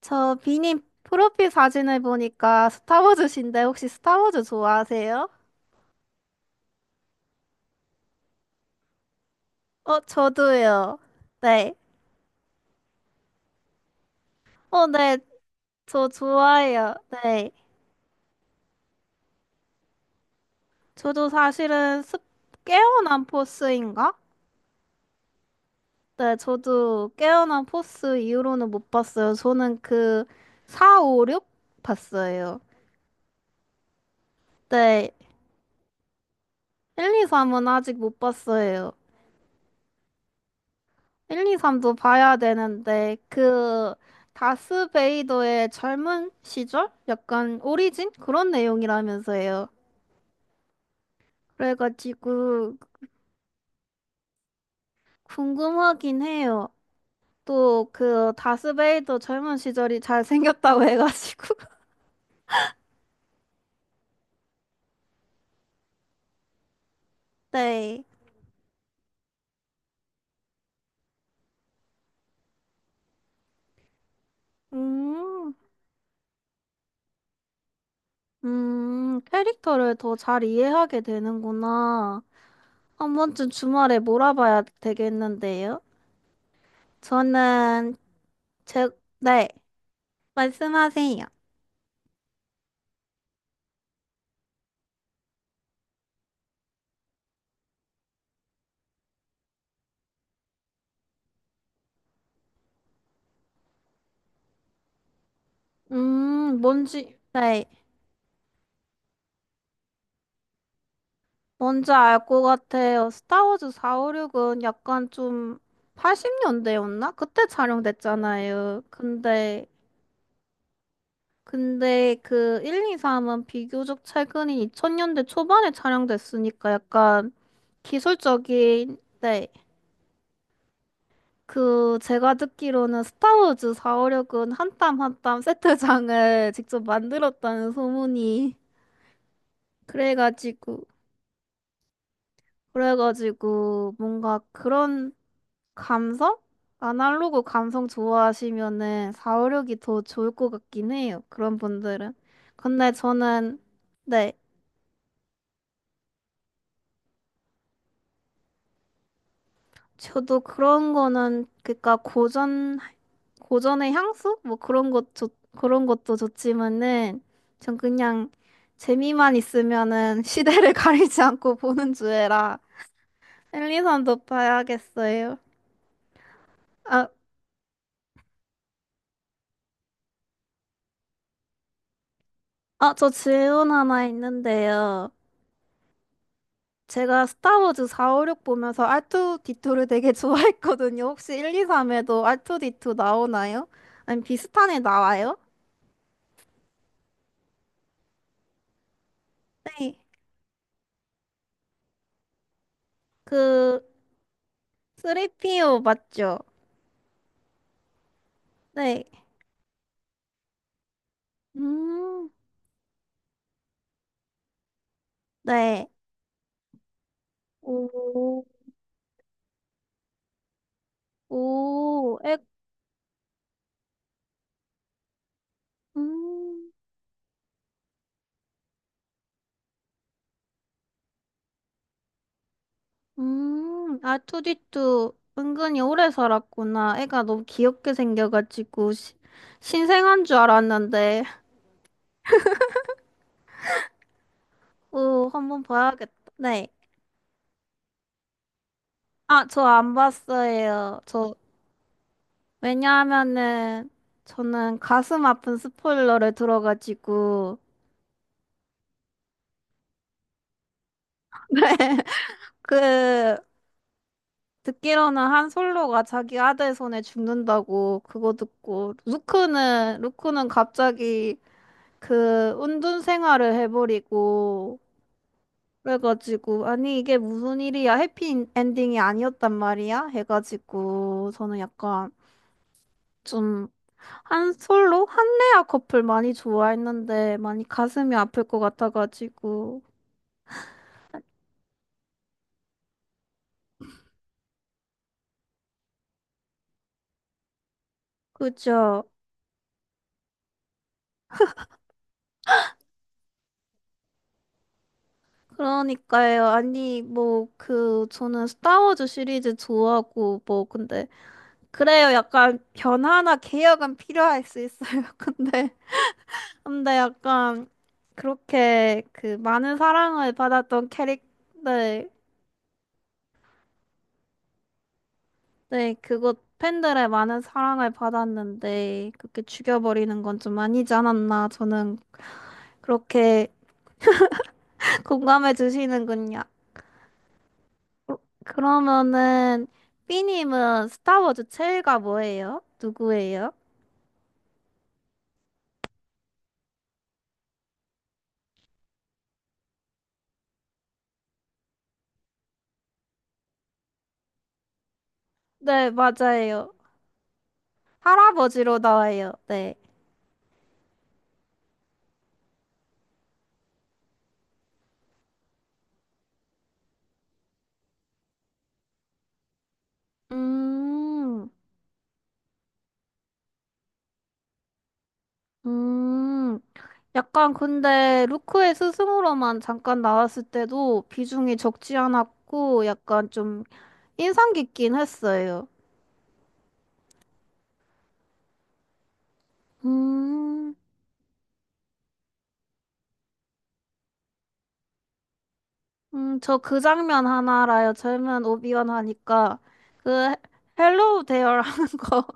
저 비님 프로필 사진을 보니까 스타워즈신데 혹시 스타워즈 좋아하세요? 어, 저도요. 네. 어, 네. 저 좋아해요. 네. 저도 사실은 깨어난 포스인가? 네, 저도 깨어난 포스 이후로는 못 봤어요. 저는 그 4, 5, 6 봤어요. 네. 1, 2, 3은 아직 못 봤어요. 1, 2, 3도 봐야 되는데, 그, 다스베이더의 젊은 시절? 약간 오리진? 그런 내용이라면서요. 그래가지고, 궁금하긴 해요. 또, 그, 다스베이더 젊은 시절이 잘생겼다고 해가지고. 네. 음, 캐릭터를 더 잘 이해하게 되는구나. 한 번쯤 주말에 몰아봐야 되겠는데요. 저는, 제, 네, 말씀하세요. 네, 뭔지 알 것 같아요. 스타워즈 456은 약간 좀 80년대였나? 그때 촬영됐잖아요. 근데 그 1, 2, 3은 비교적 최근인 2000년대 초반에 촬영됐으니까 약간 기술적인, 네. 그, 제가 듣기로는 스타워즈 456은 한 땀 한 땀 세트장을 직접 만들었다는 소문이. 그래가지고, 그래가지고 뭔가 그런 감성? 아날로그 감성 좋아하시면은 사5 6이 더 좋을 것 같긴 해요. 그런 분들은. 근데 저는 네. 저도 그런 거는 그니까 고전 고전의 향수? 뭐 그런 것 좋, 그런 것도 좋지만은 전 그냥 재미만 있으면은 시대를 가리지 않고 보는 주애라 엘리선도 봐야겠어요. 아, 아, 저 질문 하나 있는데요. 제가 스타워즈 4, 5, 6 보면서 R2D2를 되게 좋아했거든요. 혹시 1, 2, 3에도 R2D2 나오나요? 아니, 비슷한 애 나와요? 네. 그, 3PO 맞죠? 네. 음, 네. 오, 오, 에, 음, R2D2 은근히 오래 살았구나. 애가 너무 귀엽게 생겨가지고, 신생한 줄 알았는데, 오, 한번 봐야겠다. 네. 아, 저 안 봤어요. 저, 왜냐하면은, 저는 가슴 아픈 스포일러를 들어가지고, 그, 듣기로는 한 솔로가 자기 아들 손에 죽는다고 그거 듣고, 루크는 갑자기 그 운둔 생활을 해버리고, 그래가지고, 아니, 이게 무슨 일이야? 해피 엔딩이 아니었단 말이야? 해가지고, 저는 약간, 좀 한 솔로 한레아 커플 많이 좋아했는데 많이 가슴이 아플 것 같아가지고 그죠? 그러니까요. 아니 뭐 그 저는 스타워즈 시리즈 좋아하고 뭐 근데 그래요. 약간 변화나 개혁은 필요할 수 있어요. 근데 약간 그렇게 그 많은 사랑을 받았던 캐릭터 네, 네 그것 팬들의 많은 사랑을 받았는데 그렇게 죽여버리는 건 좀 아니지 않았나 저는 그렇게 공감해 주시는군요. 어, 그러면은 B님은 스타워즈 최애가 뭐예요? 누구예요? 네, 맞아요. 할아버지로 나와요. 네. 음, 음, 약간 근데 루크의 스승으로만 잠깐 나왔을 때도 비중이 적지 않았고 약간 좀 인상 깊긴 했어요. 음, 저 그 장면 하나 알아요. 젊은 오비완 하니까 그 헬로우 대어라는 거.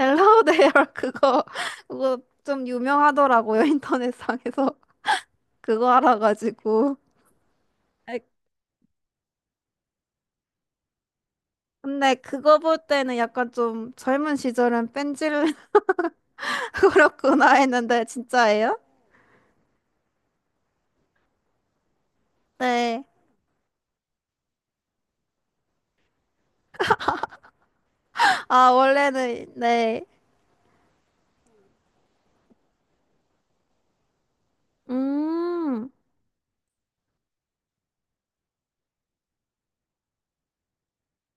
헬로우데열 그거 좀 유명하더라고요 인터넷상에서 그거 알아가지고 아이, 근데 그거 볼 때는 약간 좀 젊은 시절은 뺀질을 그렇구나 했는데 진짜예요? 네. 아 원래는 네. 음.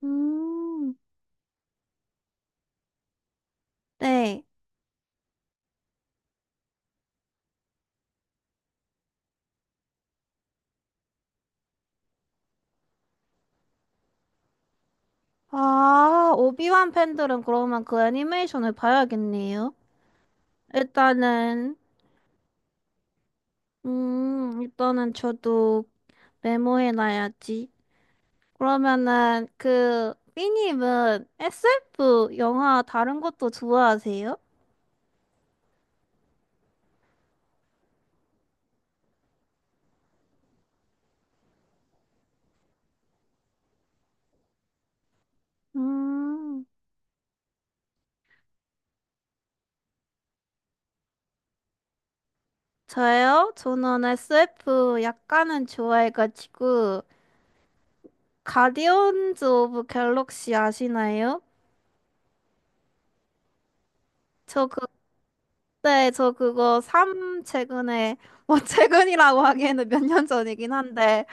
음. 네. 아 오비완 팬들은 그러면 그 애니메이션을 봐야겠네요. 일단은 일단은 저도 메모해놔야지. 그러면은 그 삐님은 SF 영화 다른 것도 좋아하세요? 음, 저요? 저는 SF 약간은 좋아해가지고 가디언즈 오브 갤럭시 아시나요? 저 그때 저 그거 3 최근에 뭐 최근이라고 하기에는 몇 년 전이긴 한데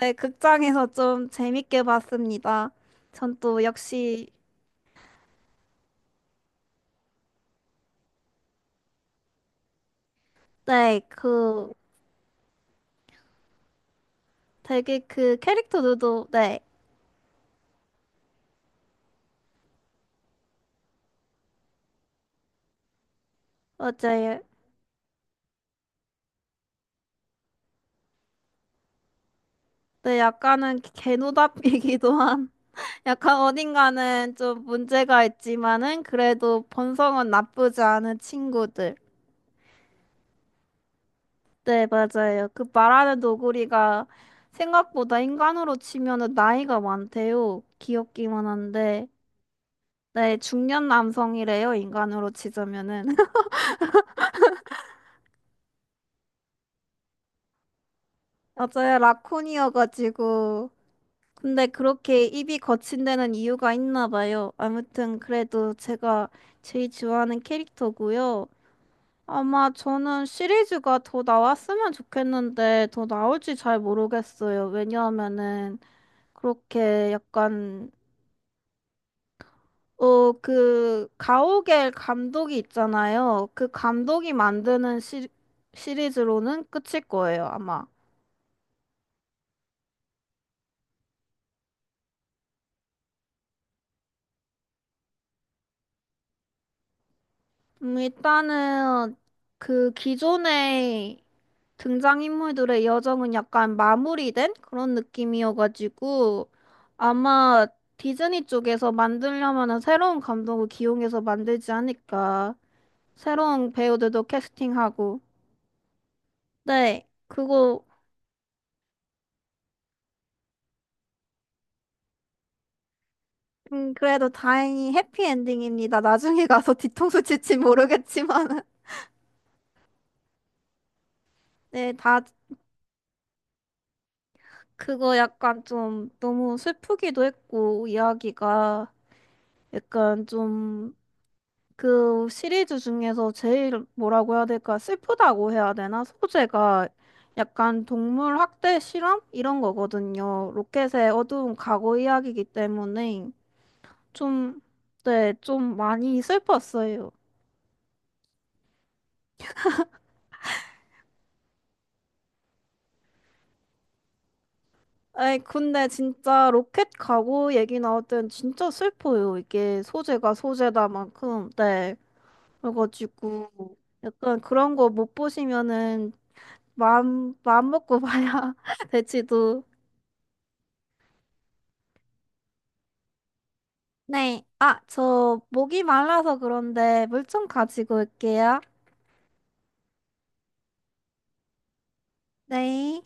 네 극장에서 좀 재밌게 봤습니다. 전 또 역시 네 그 되게 그 캐릭터들도 네 맞아요. 네, 약간은 개노답이기도 한, 약간 어딘가는 좀 문제가 있지만은 그래도 본성은 나쁘지 않은 친구들. 네, 맞아요. 그 말하는 노구리가 생각보다 인간으로 치면은 나이가 많대요. 귀엽기만 한데. 네, 중년 남성이래요. 인간으로 치자면은. 맞아요. 라쿤이어가지고. 근데 그렇게 입이 거친 데는 이유가 있나 봐요. 아무튼 그래도 제가 제일 좋아하는 캐릭터고요. 아마 저는 시리즈가 더 나왔으면 좋겠는데 더 나올지 잘 모르겠어요. 왜냐하면은 그렇게 약간 어 그 가오갤 감독이 있잖아요. 그 감독이 만드는 시, 시리즈로는 끝일 거예요, 아마. 일단은 그 기존의 등장인물들의 여정은 약간 마무리된 그런 느낌이어가지고 아마 디즈니 쪽에서 만들려면은 새로운 감독을 기용해서 만들지 않을까. 새로운 배우들도 캐스팅하고. 네, 그거 그래도 다행히 해피엔딩입니다. 나중에 가서 뒤통수 칠지 모르겠지만 네, 다 그거 약간 좀 너무 슬프기도 했고 이야기가 약간 좀 그 시리즈 중에서 제일 뭐라고 해야 될까? 슬프다고 해야 되나? 소재가 약간 동물 학대 실험? 이런 거거든요. 로켓의 어두운 과거 이야기이기 때문에 좀, 네, 좀 많이 슬펐어요. 에이, 근데 진짜 로켓 가거 얘기 나올 땐 진짜 슬퍼요. 이게 소재가 소재다만큼. 네. 그래가지고 약간 그런 거 못 보시면은 마음 먹고 봐야 될지도. 네. 아, 저 목이 말라서 그런데 물 좀 가지고 올게요. 네.